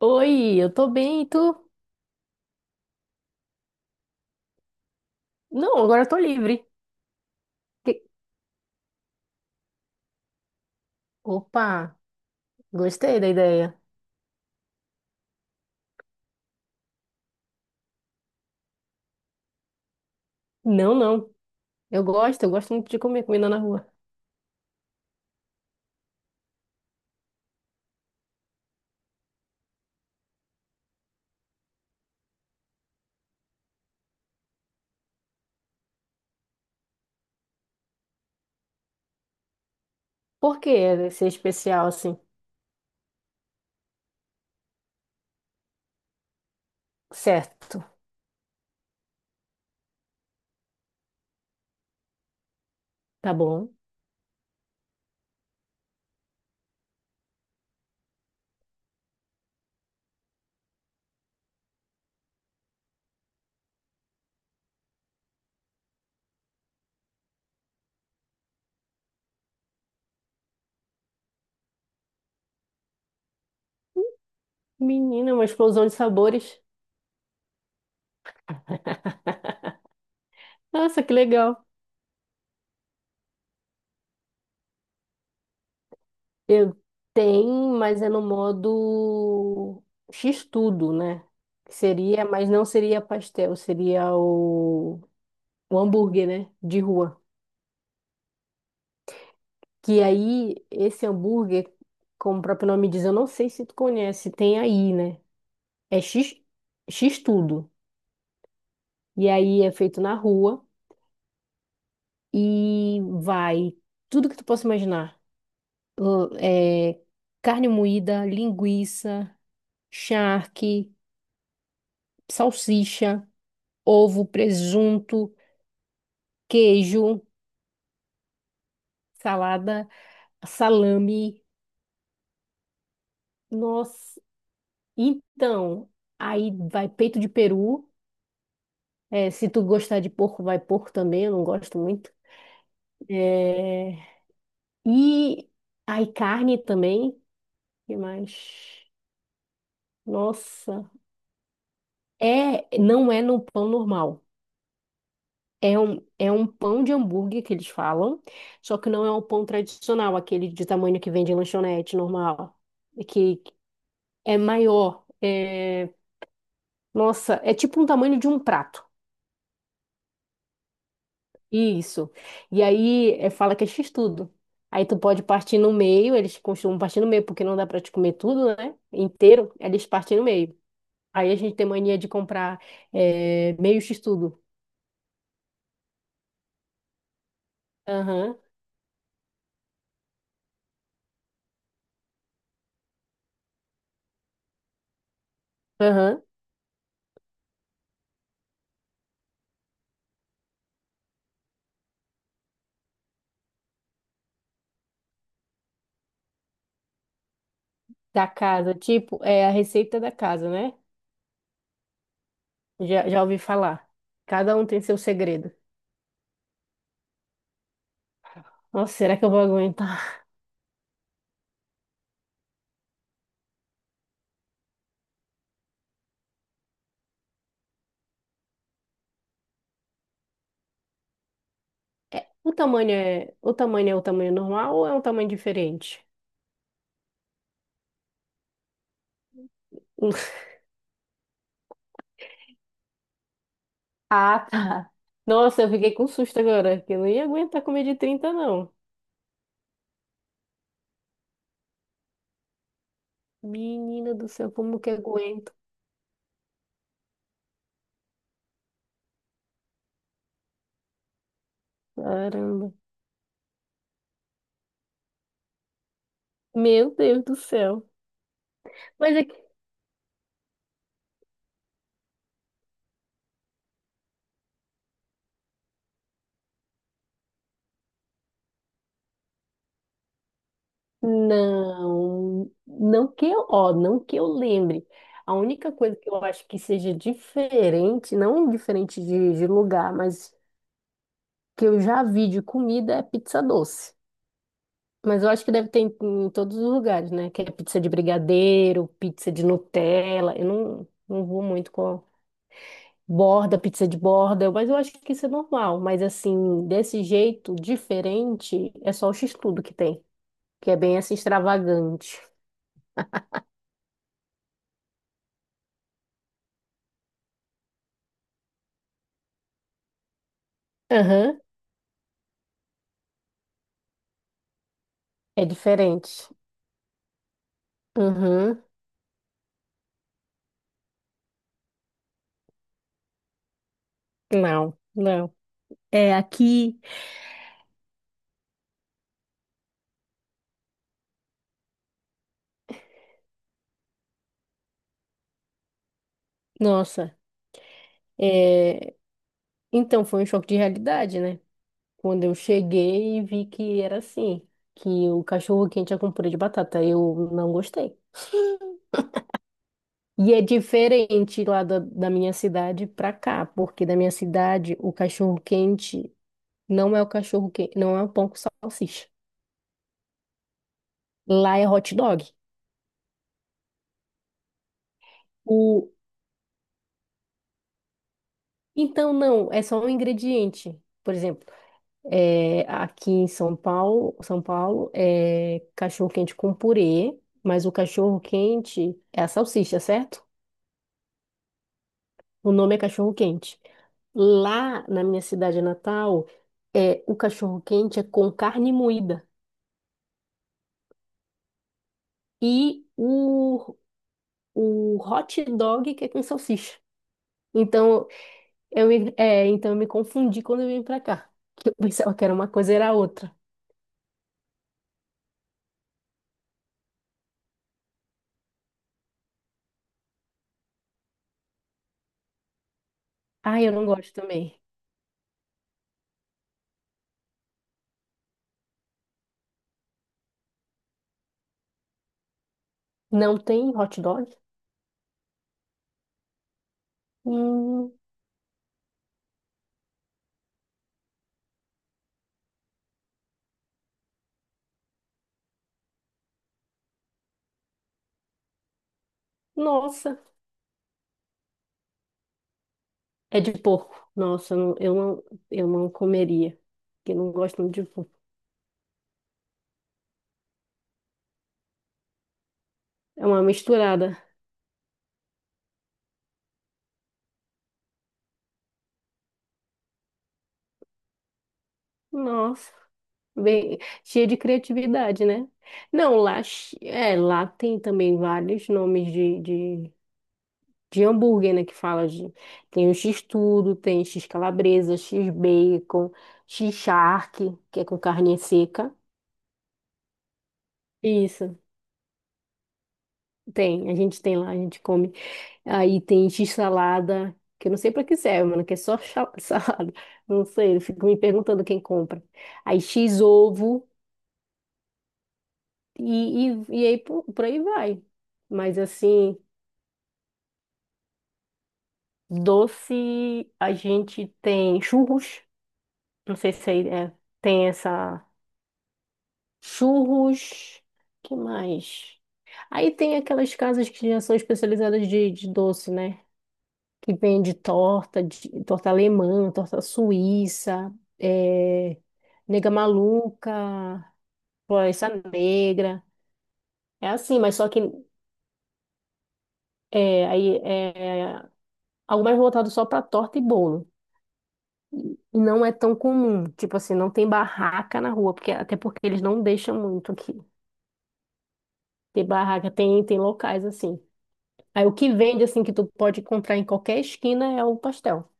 Oi, eu tô bem, e tu? Não, agora eu tô livre. Que- Opa, gostei da ideia. Não, não. Eu gosto muito de comer comida na rua. Por que ser especial assim? Certo, tá bom. Menina, uma explosão de sabores. Nossa, que legal. Eu tenho, mas é no modo X-tudo, né? Que seria, mas não seria pastel, seria o hambúrguer, né? De rua. Que aí, esse hambúrguer, como o próprio nome diz, eu não sei se tu conhece, tem aí, né? É X, X tudo. E aí é feito na rua e vai tudo que tu possa imaginar. É, carne moída, linguiça, charque, salsicha, ovo, presunto, queijo, salada, salame. Nossa, então, aí vai peito de peru. É, se tu gostar de porco, vai porco também, eu não gosto muito. É. E aí carne também, que mais? Nossa. É, não é no pão normal. É um pão de hambúrguer que eles falam, só que não é um pão tradicional, aquele de tamanho que vende em lanchonete normal, que é maior. É, nossa, é tipo um tamanho de um prato. Isso. E aí é, fala que é x-tudo. Aí tu pode partir no meio, eles costumam partir no meio, porque não dá pra te comer tudo, né? Inteiro, eles partem no meio. Aí a gente tem mania de comprar é, meio x-tudo. Aham, aham. Da casa, tipo, é a receita da casa, né? Já ouvi falar. Cada um tem seu segredo. Nossa, será que eu vou aguentar? É, o tamanho é, o tamanho é o tamanho normal ou é um tamanho diferente? Um Ah, tá. Nossa, eu fiquei com susto agora, que eu não ia aguentar comer de 30 não. Menina do céu, como que aguento? Caramba. Meu Deus do céu. Mas é que... Não, não que eu, ó, não que eu lembre. A única coisa que eu acho que seja diferente, não diferente de lugar, mas que eu já vi de comida é pizza doce. Mas eu acho que deve ter em, em todos os lugares, né? Que é pizza de brigadeiro, pizza de Nutella. Eu não vou muito com, borda, pizza de borda, mas eu acho que isso é normal. Mas assim, desse jeito diferente, é só o x-tudo que tem, que é bem assim extravagante. Aham, é diferente. Uhum. Não, não. É aqui, nossa, é... então foi um choque de realidade, né? Quando eu cheguei e vi que era assim, que o cachorro quente é com purê de batata, eu não gostei. E é diferente lá da minha cidade pra cá, porque da minha cidade o cachorro quente não é o cachorro quente, não é o pão com salsicha. Lá é hot dog. O... Então, não, é só um ingrediente. Por exemplo, é, aqui em São Paulo, São Paulo é cachorro quente com purê, mas o cachorro quente é a salsicha, certo? O nome é cachorro quente. Lá na minha cidade natal, é, o cachorro quente é com carne moída. E o hot dog que é com salsicha. Então então eu me confundi quando eu vim pra cá. Que eu pensava que era uma coisa e era outra. Ah, eu não gosto também. Não tem hot dog? Hum, nossa, é de porco. Nossa, eu não comeria, porque eu não gosto muito de porco. É uma misturada. Nossa, bem cheia de criatividade, né? Não, lá, lá tem também vários nomes de hambúrguer, né? Que fala de. Tem o X-tudo, tem X-calabresa, X-bacon, X-charque, que é com carne seca. Isso, tem. A gente tem lá, a gente come. Aí tem X-salada, que eu não sei pra que serve, mano, que é só salada. Não sei, eu fico me perguntando quem compra. Aí X-ovo, e aí por aí vai. Mas assim, doce, a gente tem churros. Não sei se aí é, tem essa. Churros, que mais? Aí tem aquelas casas que já são especializadas de doce, né? Que vende torta, torta alemã, torta suíça, é, nega maluca, floresta negra. É assim, mas só que é, aí é algo mais voltado só para torta e bolo. E não é tão comum. Tipo assim, não tem barraca na rua, porque até porque eles não deixam muito aqui. Tem barraca, tem, tem locais assim. Aí o que vende, assim, que tu pode comprar em qualquer esquina é o pastel.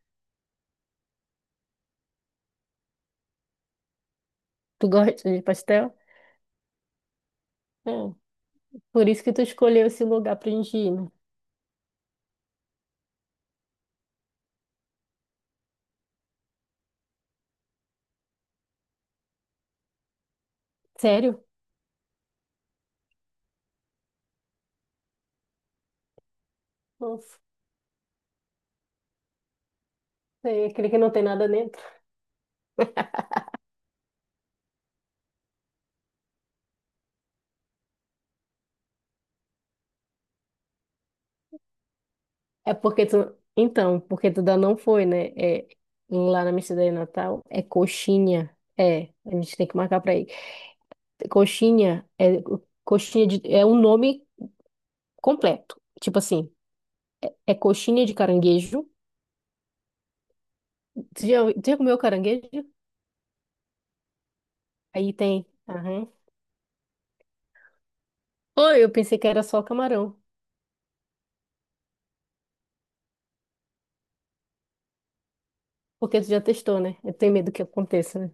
Tu gosta de pastel? É. Por isso que tu escolheu esse lugar pra gente ir, né? Sério? Nossa, é aquele que não tem nada dentro. É porque tu... Então, porque tu ainda não foi, né? É, lá na Mercearia Natal é coxinha. É, a gente tem que marcar pra ir. Coxinha é coxinha de... É um nome completo. Tipo assim, é coxinha de caranguejo. Tu já comeu caranguejo? Aí tem... Aham. Oi, eu pensei que era só camarão, porque tu já testou, né? Eu tenho medo que aconteça, né?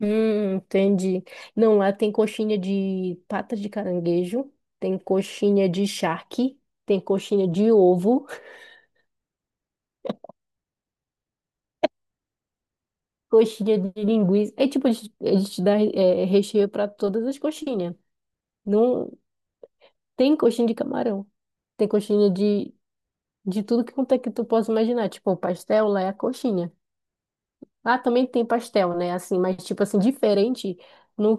Entendi. Não, lá tem coxinha de patas de caranguejo, tem coxinha de charque, tem coxinha de ovo, coxinha de linguiça. É tipo, eles te dão é, recheio para todas as coxinhas. Não tem coxinha de camarão, tem coxinha de tudo que quanto é que tu possa imaginar. Tipo, o pastel lá é a coxinha. Lá também tem pastel, né? Assim, mas tipo assim, diferente. Nu,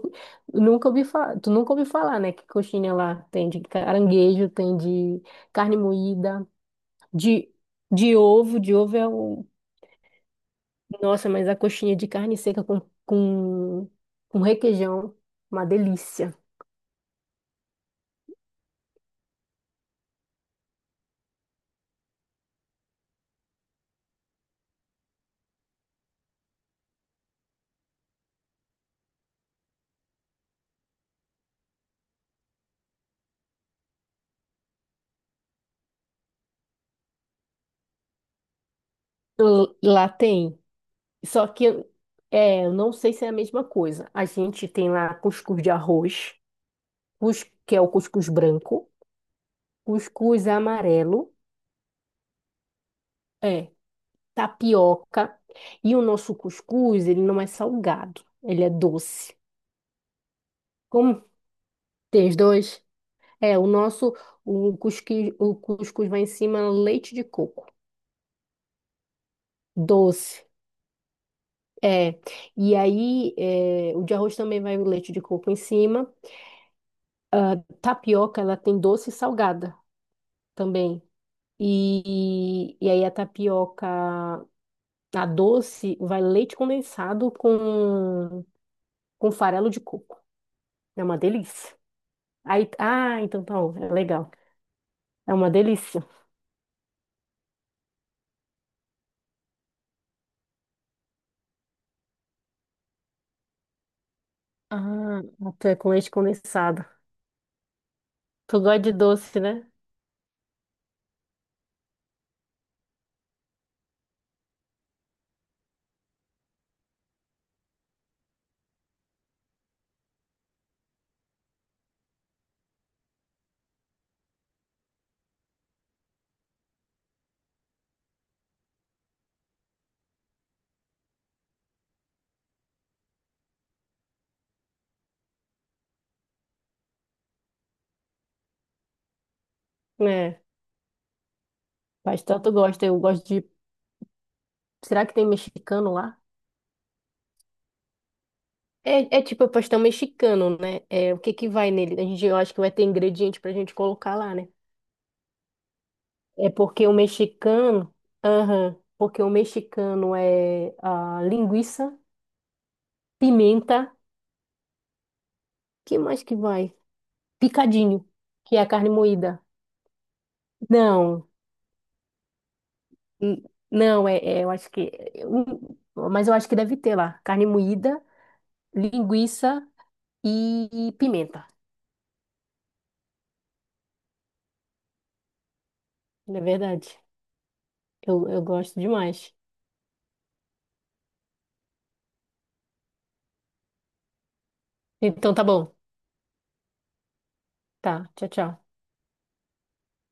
nunca ouvi falar, tu nunca ouviu falar, né? Que coxinha lá tem de caranguejo, tem de carne moída, de, de ovo. De ovo é o. Nossa, mas a coxinha de carne seca com requeijão, uma delícia. Lá tem. Só que eu- é, eu não sei se é a mesma coisa. A gente tem lá cuscuz de arroz, cus, que é o cuscuz branco, cuscuz amarelo. É. Tapioca. E o nosso cuscuz, ele não é salgado, ele é doce. Como tem os dois? É, o nosso, o cusqui- o cuscuz vai em cima leite de coco, doce. É, e aí é, o de arroz também vai o leite de coco em cima. Tapioca, ela tem doce e salgada também. E aí a tapioca, a doce, vai leite condensado com farelo de coco. É uma delícia. Aí, ah, então tá bom, é legal. É uma delícia. Ah, até com leite condensado. Tu gosta de doce, né? É, pastel tu gosta, eu gosto de... Será que tem mexicano lá? É tipo pastel mexicano, né? É, o que que vai nele? A gente, eu acho que vai ter ingrediente pra gente colocar lá, né? É porque o mexicano... Aham, porque o mexicano é a linguiça, pimenta, que mais que vai? Picadinho, que é a carne moída. Não. N- Não, eu acho que. Mas eu acho que deve ter lá. Carne moída, linguiça e pimenta. Não é verdade? Eu gosto demais. Então tá bom. Tá, tchau, tchau.